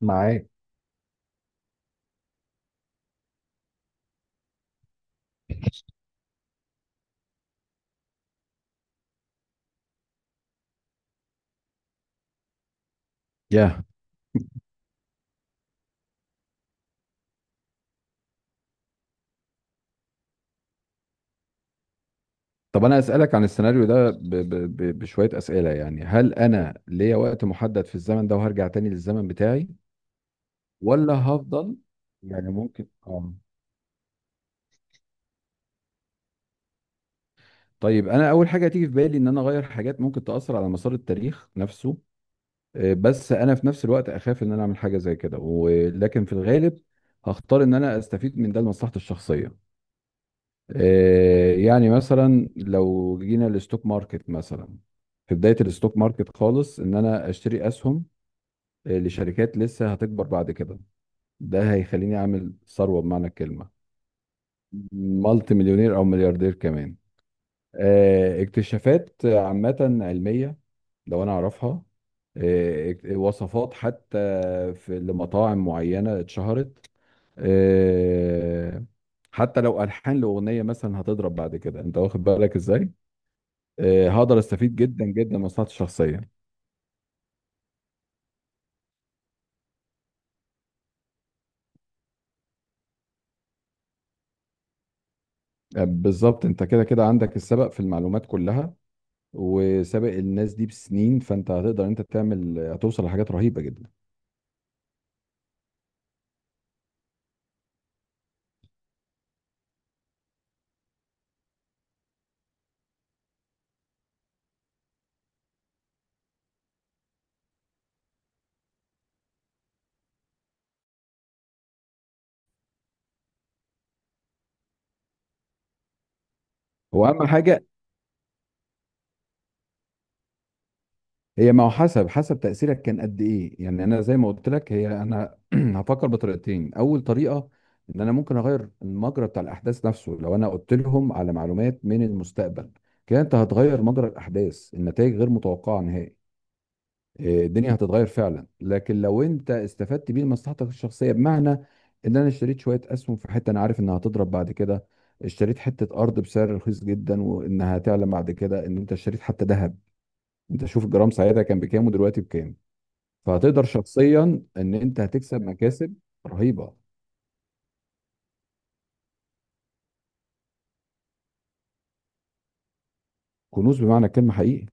معاك. يا؟ طب انا اسالك عن السيناريو ده بشويه اسئله، يعني هل انا ليا وقت محدد في الزمن ده وهرجع تاني للزمن بتاعي ولا هفضل؟ يعني ممكن اه. طيب انا اول حاجه تيجي في بالي ان انا اغير حاجات ممكن تاثر على مسار التاريخ نفسه. بس انا في نفس الوقت اخاف ان انا اعمل حاجه زي كده، ولكن في الغالب هختار ان انا استفيد من ده لمصلحتي الشخصيه. يعني مثلا لو جينا للستوك ماركت مثلا، في بداية الستوك ماركت خالص، ان انا اشتري اسهم لشركات لسه هتكبر بعد كده، ده هيخليني اعمل ثروة بمعنى الكلمة. مالتي مليونير او ملياردير كمان. اكتشافات عامة علمية لو انا اعرفها، وصفات حتى في لمطاعم معينة اتشهرت، آه، حتى لو ألحان لأغنية مثلا هتضرب بعد كده، انت واخد بالك ازاي؟ هقدر استفيد جدا جدا من مصلحتي الشخصيه. بالظبط، انت كده كده عندك السبق في المعلومات كلها، وسابق الناس دي بسنين، فانت هتقدر انت تعمل، هتوصل لحاجات رهيبه جدا. هو اهم حاجه هي، ما هو حسب تاثيرك كان قد ايه، يعني انا زي ما قلت لك، هي انا هفكر بطريقتين. اول طريقه ان انا ممكن اغير المجرى بتاع الاحداث نفسه لو انا قلت لهم على معلومات من المستقبل. كده انت هتغير مجرى الاحداث، النتائج غير متوقعه نهائي. إيه، الدنيا هتتغير فعلا. لكن لو انت استفدت بيه لمصلحتك الشخصيه، بمعنى ان انا اشتريت شويه اسهم في حته انا عارف انها هتضرب بعد كده، اشتريت حته ارض بسعر رخيص جدا وانها هتعلى بعد كده، ان انت اشتريت حتى ذهب، انت شوف الجرام ساعتها كان بكام ودلوقتي بكام، فهتقدر شخصيا ان انت هتكسب مكاسب رهيبه. كنوز بمعنى الكلمه حقيقي.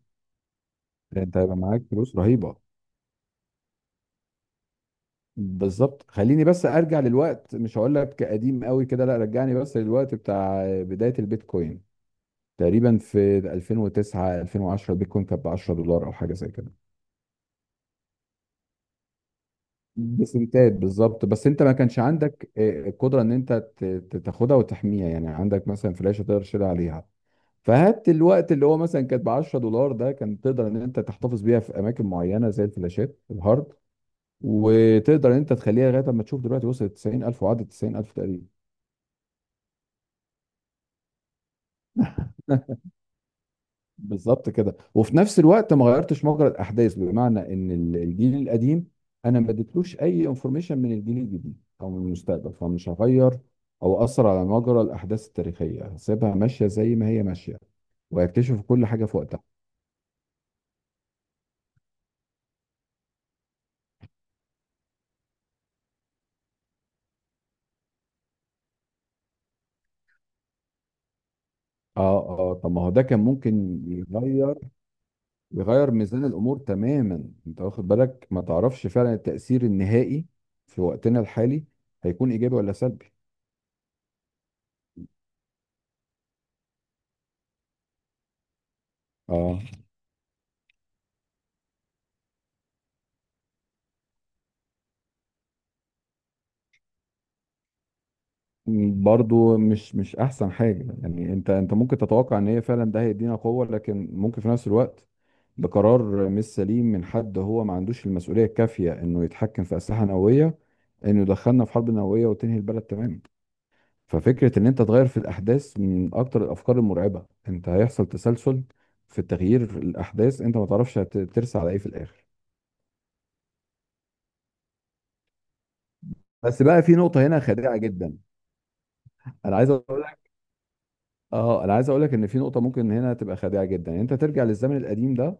يعني انت هيبقى معاك فلوس رهيبه. بالظبط. خليني بس ارجع للوقت، مش هقول لك قديم قوي كده، لا، رجعني بس للوقت بتاع بدايه البيتكوين، تقريبا في 2009 2010، البيتكوين كانت ب 10 دولار او حاجه زي كده. بسنتات بالظبط. بس انت ما كانش عندك القدره ان انت تاخدها وتحميها، يعني عندك مثلا فلاشه تقدر تشيلها عليها. فهات الوقت اللي هو مثلا كانت ب 10 دولار ده، كان تقدر ان انت تحتفظ بيها في اماكن معينه زي الفلاشات الهارد، وتقدر ان انت تخليها لغايه اما تشوف دلوقتي وصلت 90,000 وعدت 90,000 تقريبا. بالظبط كده. وفي نفس الوقت ما غيرتش مجرى الاحداث، بمعنى ان الجيل القديم، انا ما اديتلوش اي انفورميشن من الجيل الجديد او من المستقبل، فمش هغير او اثر على مجرى الاحداث التاريخيه، هسيبها ماشيه زي ما هي ماشيه، وهيكتشف كل حاجه في وقتها. اه اه. طب ما هو ده كان ممكن يغير، ميزان الامور تماما. انت واخد بالك، ما تعرفش فعلا التاثير النهائي في وقتنا الحالي هيكون ايجابي ولا سلبي. اه، برضو مش احسن حاجه، يعني انت ممكن تتوقع ان هي فعلا ده هيدينا قوه، لكن ممكن في نفس الوقت ده قرار مش سليم من حد هو ما عندوش المسؤوليه الكافيه انه يتحكم في اسلحه نوويه، انه يدخلنا في حرب نوويه وتنهي البلد تماما. ففكره ان انت تغير في الاحداث من اكتر الافكار المرعبه. انت هيحصل تسلسل في تغيير في الاحداث، انت ما تعرفش ترسى على ايه في الاخر. بس بقى في نقطه هنا خادعه جدا. انا عايز اقول، اه انا عايز اقول لك ان في نقطه ممكن هنا تبقى خادعه جدا، يعني انت ترجع للزمن القديم ده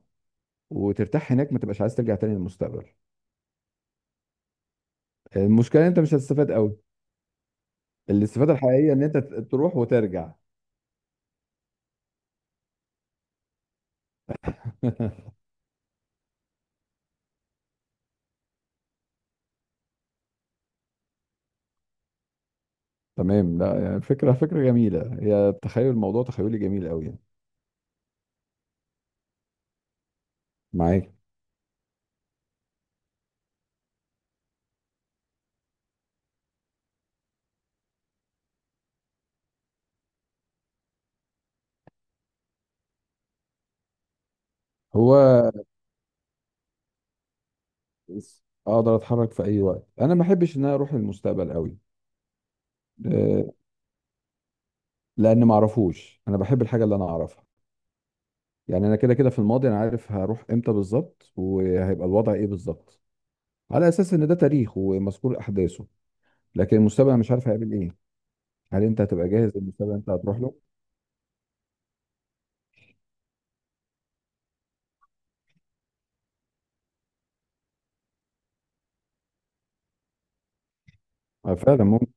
وترتاح هناك، ما تبقاش عايز ترجع تاني للمستقبل. المشكله إن انت مش هتستفاد قوي. الاستفاده الحقيقيه ان انت تروح وترجع. تمام. لا يعني فكره، جميله هي، تخيل الموضوع تخيلي جميل قوي يعني. معاك. هو بس اقدر اتحرك في اي وقت؟ انا ما بحبش ان انا اروح للمستقبل قوي. آه، لان ما اعرفوش، انا بحب الحاجه اللي انا اعرفها، يعني انا كده كده في الماضي انا عارف هروح امتى بالظبط وهيبقى الوضع ايه بالظبط، على اساس ان ده تاريخ ومذكور احداثه. لكن المستقبل أنا مش عارف هيعمل ايه. هل انت هتبقى جاهز للمستقبل اللي انت هتروح له؟ فعلا ممكن.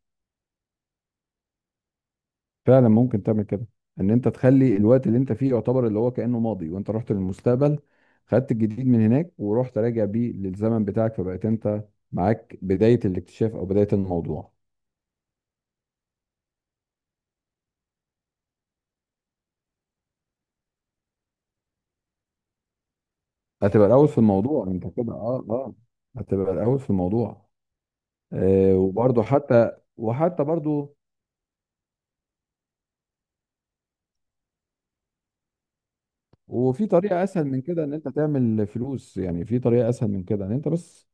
فعلا ممكن تعمل كده، ان انت تخلي الوقت اللي انت فيه يعتبر اللي هو كانه ماضي، وانت رحت للمستقبل، خدت الجديد من هناك ورحت راجع بيه للزمن بتاعك، فبقيت انت معاك بدايه الاكتشاف او بدايه الموضوع. هتبقى الاول في الموضوع انت كده، اه اه هتبقى الاول في الموضوع. آه وبرضه حتى، وحتى برضه. وفي طريقة أسهل من كده إن أنت تعمل فلوس، يعني في طريقة أسهل من كده إن أنت بس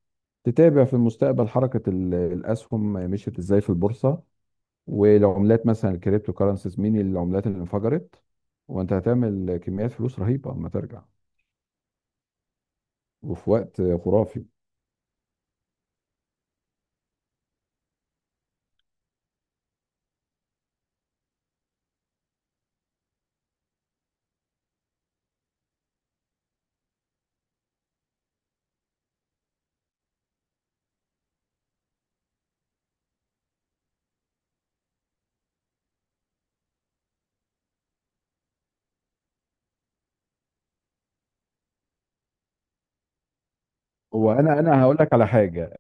تتابع في المستقبل حركة الأسهم مشيت إزاي في البورصة، والعملات مثلا الكريبتو كارنسيز مين العملات اللي انفجرت، وأنت هتعمل كميات فلوس رهيبة أما ترجع، وفي وقت خرافي. أنا هقول لك على حاجة،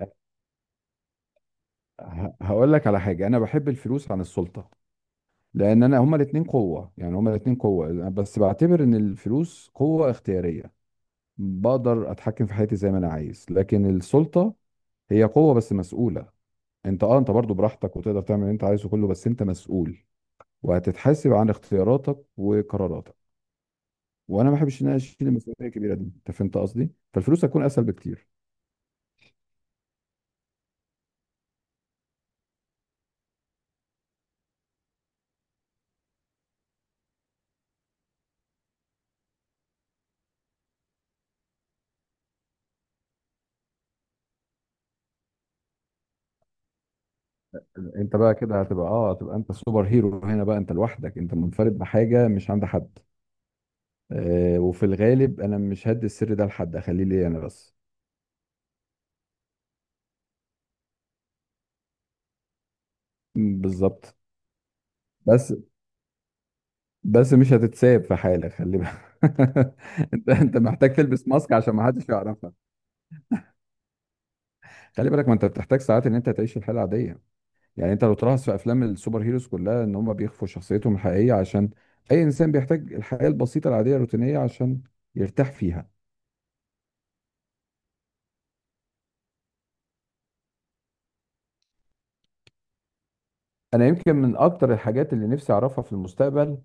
هقول لك على حاجة. أنا بحب الفلوس عن السلطة، لأن أنا هما الاتنين قوة، يعني هما الاتنين قوة، بس بعتبر إن الفلوس قوة اختيارية، بقدر اتحكم في حياتي زي ما انا عايز. لكن السلطة هي قوة بس مسؤولة. انت اه انت برضو براحتك وتقدر تعمل اللي انت عايزه كله، بس انت مسؤول وهتتحاسب عن اختياراتك وقراراتك. وانا ما بحبش ان انا اشيل المسؤوليه الكبيره دي، انت فهمت قصدي. فالفلوس هتكون اسهل بكتير. انت بقى كده هتبقى اه، هتبقى انت سوبر هيرو هنا بقى، انت لوحدك، انت منفرد بحاجه مش عند حد. آه وفي الغالب انا مش هدي السر ده لحد، اخليه ليا انا بس. م، بالظبط. بس بس مش هتتساب في حالة، خلي بالك. انت محتاج تلبس ماسك عشان ما حدش يعرفك. خلي بالك، ما انت بتحتاج ساعات ان انت تعيش الحالة عادية. يعني انت لو تلاحظ في افلام السوبر هيروز كلها ان هم بيخفوا شخصيتهم الحقيقية، عشان اي انسان بيحتاج الحياة البسيطة العادية الروتينية عشان يرتاح فيها. انا يمكن من اكتر الحاجات اللي نفسي اعرفها في المستقبل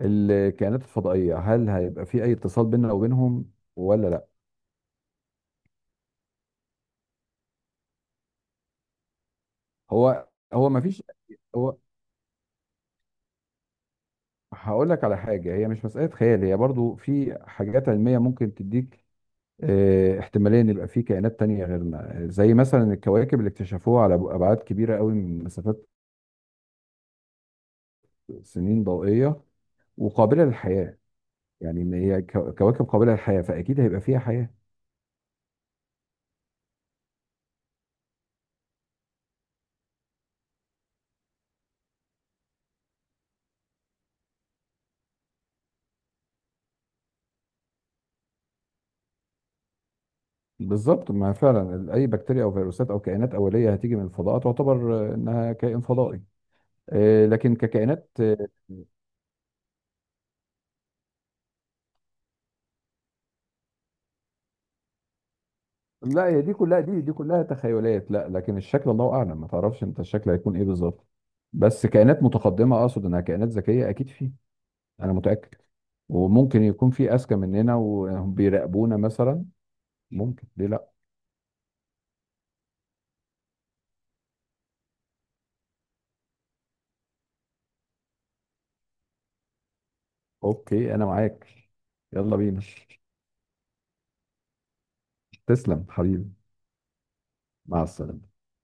الكائنات الفضائية، هل هيبقى في اي اتصال بيننا وبينهم ولا لا. هو هو ما فيش؟ هقول لك على حاجة، هي مش مسألة خيال، هي برضو في حاجات علمية ممكن تديك احتمالية ان يبقى في كائنات تانية غيرنا، زي مثلا الكواكب اللي اكتشفوها على أبعاد كبيرة قوي، من مسافات سنين ضوئية، وقابلة للحياة. يعني ان هي كواكب قابلة للحياة، فأكيد هيبقى فيها حياة. بالظبط، ما فعلا أي بكتيريا أو فيروسات أو كائنات أولية هتيجي من الفضاء تعتبر إنها كائن فضائي. لكن ككائنات، لا، هي دي كلها، دي كلها تخيلات. لا لكن الشكل الله اعلم، ما تعرفش انت الشكل هيكون ايه بالظبط. بس كائنات متقدمه اقصد، انها كائنات ذكيه اكيد في، انا متاكد. وممكن يكون في اذكى مننا وهم بيراقبونا مثلا، ممكن، ليه لا؟ اوكي انا معاك. يلا بينا. تسلم حبيبي. مع السلامه.